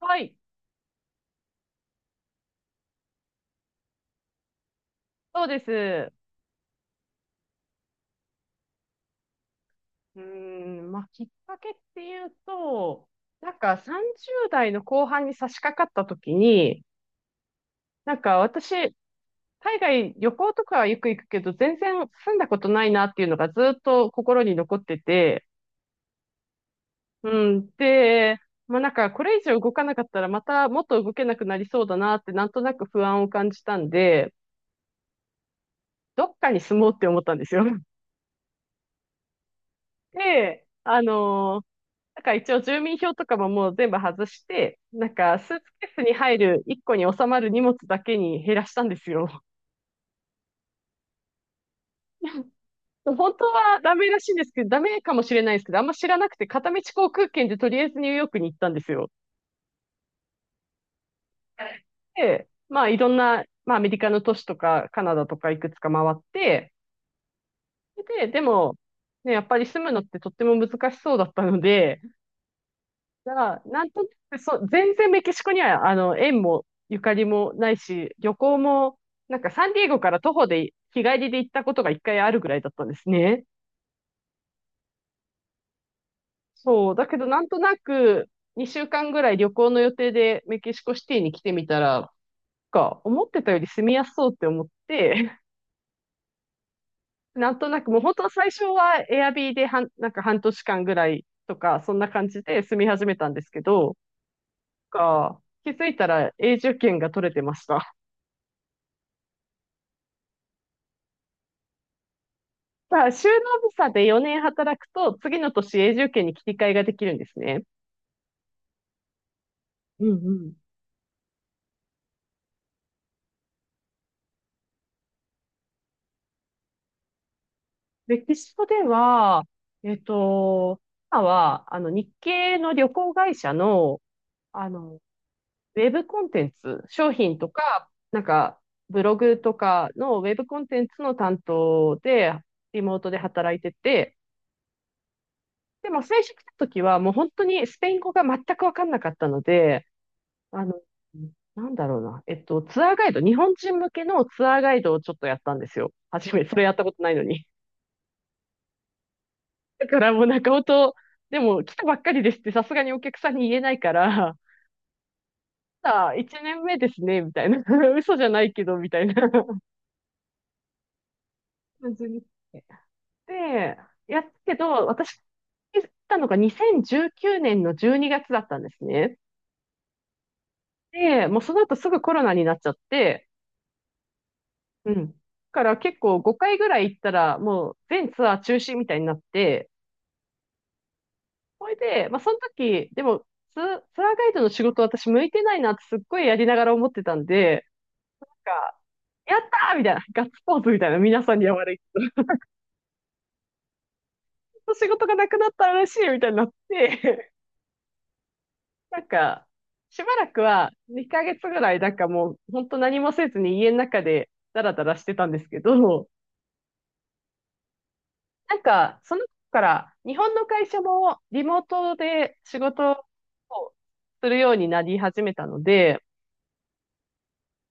はい、そうです。うーん、まあ、きっかけっていうと、なんか30代の後半に差し掛かった時に、なんか私、海外旅行とかはよく行くけど、全然住んだことないなっていうのがずっと心に残ってて、うん、で、まあなんかこれ以上動かなかったらまたもっと動けなくなりそうだなってなんとなく不安を感じたんで、どっかに住もうって思ったんですよ。で、なんか一応住民票とかももう全部外して、なんかスーツケースに入る1個に収まる荷物だけに減らしたんですよ。本当はダメらしいんですけど、ダメかもしれないですけど、あんま知らなくて片道航空券でとりあえずニューヨークに行ったんですよ。で、まあいろんな、まあアメリカの都市とかカナダとかいくつか回って、で、でも、ね、やっぱり住むのってとっても難しそうだったので、だからなんとなく、そう、全然メキシコには、縁もゆかりもないし、旅行も、なんかサンディエゴから徒歩で日帰りで行ったことが一回あるぐらいだったんですね。そう、だけどなんとなく、2週間ぐらい旅行の予定でメキシコシティに来てみたら、なんか思ってたより住みやすそうって思って、なんとなくもう本当は最初はエアビーでなんか半年間ぐらいとか、そんな感じで住み始めたんですけど、なんか気づいたら永住権が取れてました。さあ、就農ビザで4年働くと、次の年永住権に切り替えができるんですね。うんうん。メキシコでは、えっと、今は、日系の旅行会社の、あの、ウェブコンテンツ、商品とか、なんか、ブログとかのウェブコンテンツの担当で、リモートで働いてて、でも最初来た時はもう本当にスペイン語が全くわかんなかったので、あの、なんだろうな。ツアーガイド、日本人向けのツアーガイドをちょっとやったんですよ。初め、それやったことないのに。だからもう中尾と、でも来たばっかりですってさすがにお客さんに言えないから、さあ、1年目ですね、みたいな。嘘じゃないけど、みたいな感じ に。で、やったけど、私、行ったのが2019年の12月だったんですね。で、もうその後すぐコロナになっちゃって、うん。だから結構5回ぐらい行ったら、もう全ツアー中止みたいになって、それで、まあその時、でもツアーガイドの仕事私向いてないなってすっごいやりながら思ってたんで、なんか、やったーみたいな、ガッツポーズみたいな、皆さんには悪いけど、仕事がなくなったら嬉しいみたいになって、なんか、しばらくは2ヶ月ぐらい、なんかもう、本当何もせずに家の中でダラダラしてたんですけど、なんか、その頃から、日本の会社もリモートで仕事をするようになり始めたので、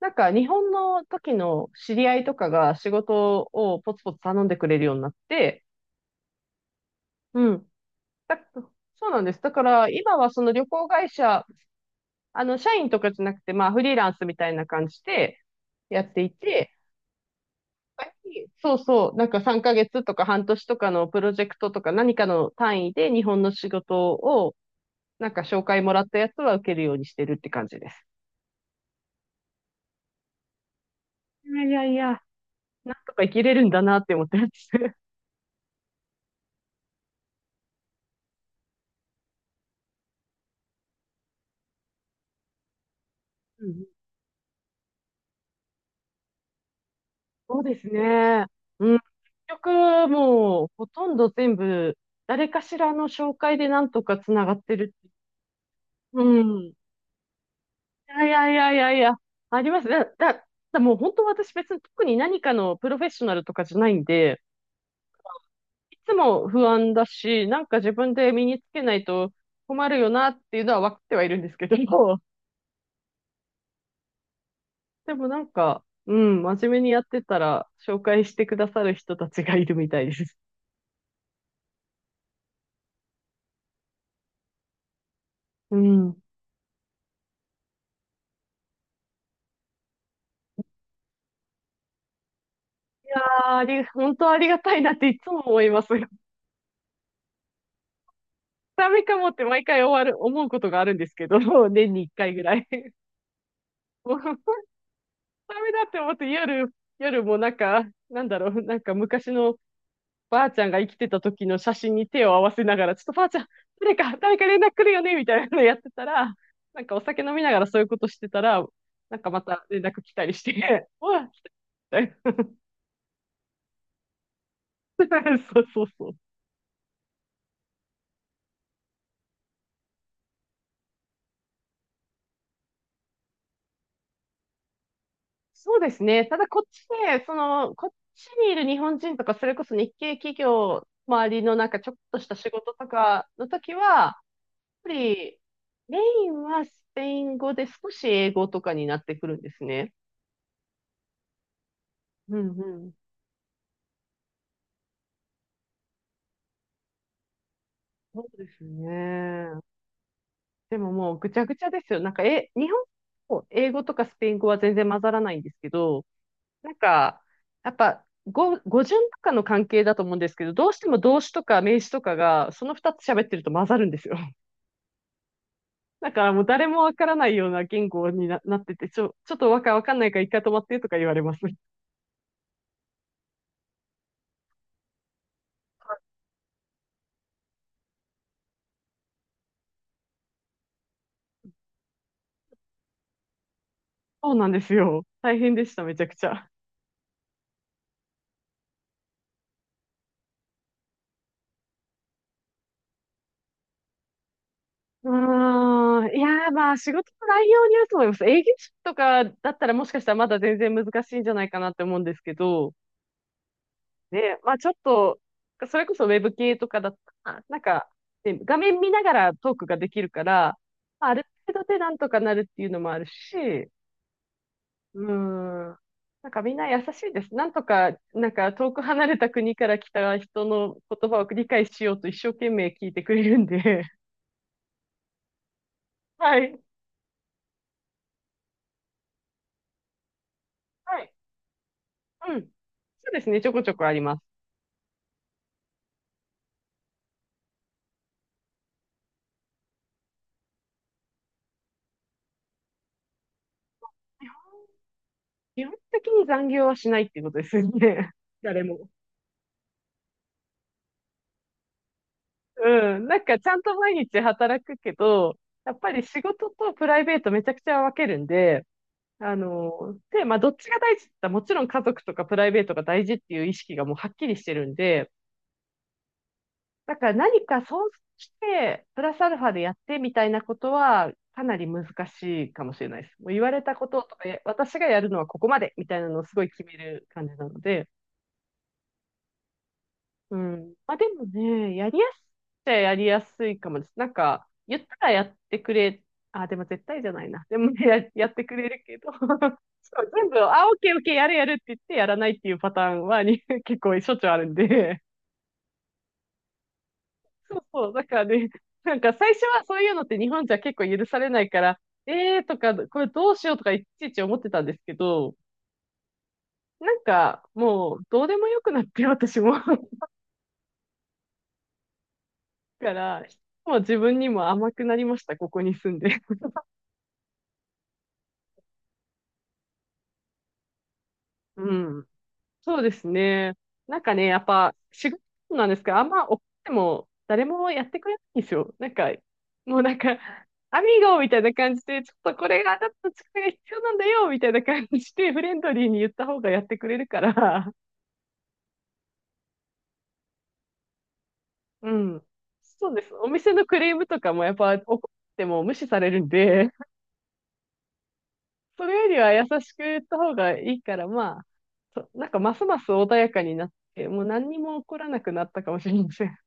なんか日本の時の知り合いとかが仕事をポツポツ頼んでくれるようになって、うん。だ、そうなんです。だから今はその旅行会社、社員とかじゃなくて、まあフリーランスみたいな感じでやっていて、そうそう、なんか3ヶ月とか半年とかのプロジェクトとか何かの単位で日本の仕事をなんか紹介もらったやつは受けるようにしてるって感じです。いやいやいや、なんとか生きれるんだなって思ってます。うん。そうですね。うん。結局、もう、ほとんど全部、誰かしらの紹介でなんとかつながってる。うん。いやいやいやいやいや、あります。だもう本当私別に特に何かのプロフェッショナルとかじゃないんで、いつも不安だし、なんか自分で身につけないと困るよなっていうのは分かってはいるんですけど、でもなんか、うん、真面目にやってたら、紹介してくださる人たちがいるみたいです。うん。あーあり、本当ありがたいなっていつも思います。ダメかもって毎回終わる、思うことがあるんですけど、年に一回ぐらい。もう、ダメだって思って夜、夜もなんか、なんだろう、なんか昔のばあちゃんが生きてた時の写真に手を合わせながら、ちょっとばあちゃん、誰か、誰か連絡来るよねみたいなのやってたら、なんかお酒飲みながらそういうことしてたら、なんかまた連絡来たりして、うわ、そうそうそう。そうですね。ただこっちで、その、こっちにいる日本人とか、それこそ日系企業周りのなんかちょっとした仕事とかの時は、やっぱりメインはスペイン語で少し英語とかになってくるんですね。うんうん。そうですね。でももうぐちゃぐちゃですよ。なんか、え、日本語、英語とかスペイン語は全然混ざらないんですけど、なんか、やっぱ、語順とかの関係だと思うんですけど、どうしても動詞とか名詞とかが、その二つ喋ってると混ざるんですよ。だからもう誰もわからないような言語になってて、ちょっとわかんないから一回止まってとか言われます。そうなんですよ。大変でした、めちゃくちゃ。うーん。いやー、まあ、仕事の内容によると思います。営業職とかだったらもしかしたらまだ全然難しいんじゃないかなって思うんですけど、ね、まあちょっと、それこそウェブ系とかだったら、なんか、ね、画面見ながらトークができるから、まあある程度でなんとかなるっていうのもあるし、うーん。なんかみんな優しいです。なんとか、なんか遠く離れた国から来た人の言葉を理解しようと一生懸命聞いてくれるんで。はい。はい。うん。そうですね。ちょこちょこあります。基本的に残業はしないっていうことですよね。誰も。うん。なんかちゃんと毎日働くけど、やっぱり仕事とプライベートめちゃくちゃ分けるんで、で、まあどっちが大事って言ったらもちろん家族とかプライベートが大事っていう意識がもうはっきりしてるんで、だから何かそうして、プラスアルファでやってみたいなことはかなり難しいかもしれないです。もう言われたこととか、え私がやるのはここまでみたいなのをすごい決める感じなので、うん。まあでもね、やりやすいっちゃやりやすいかもです。なんか、言ったらやってくれ、あ、でも絶対じゃないな。でもねやってくれるけど、そう全部、あ、オッケーオッケー、やるやるって言ってやらないっていうパターンはに 結構しょっちゅうあるんで、そうそう、だからね、なんか最初はそういうのって日本じゃ結構許されないから、えーとか、これどうしようとかいちいち思ってたんですけど、なんかもうどうでもよくなって私も。だから、もう自分にも甘くなりました、ここに住んで。うん。そうですね。なんかね、やっぱ、仕事なんですけど、あんま怒っても誰もやってくれないんですよ。なんか、もうなんか、アミーゴみたいな感じで、ちょっとこれがあなたの力が必要なんだよ、みたいな感じで、フレンドリーに言った方がやってくれるから、うん。そうです。お店のクレームとかもやっぱ怒っても無視されるんで、それよりは優しく言った方がいいから、まあ、そなんかますます穏やかになって、もう何にも起こらなくなったかもしれません。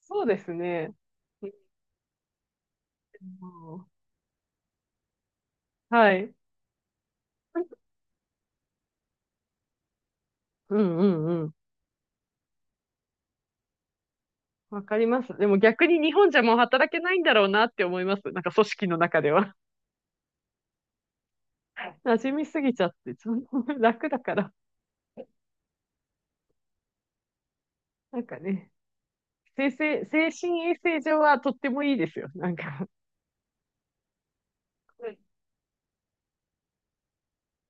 そうですね。うんはい。うんうんうん。わかります。でも逆に日本じゃもう働けないんだろうなって思います。なんか組織の中では。馴染みすぎちゃって、ちょっと 楽だから。なんかね、精神、衛生上はとってもいいですよ。なんか。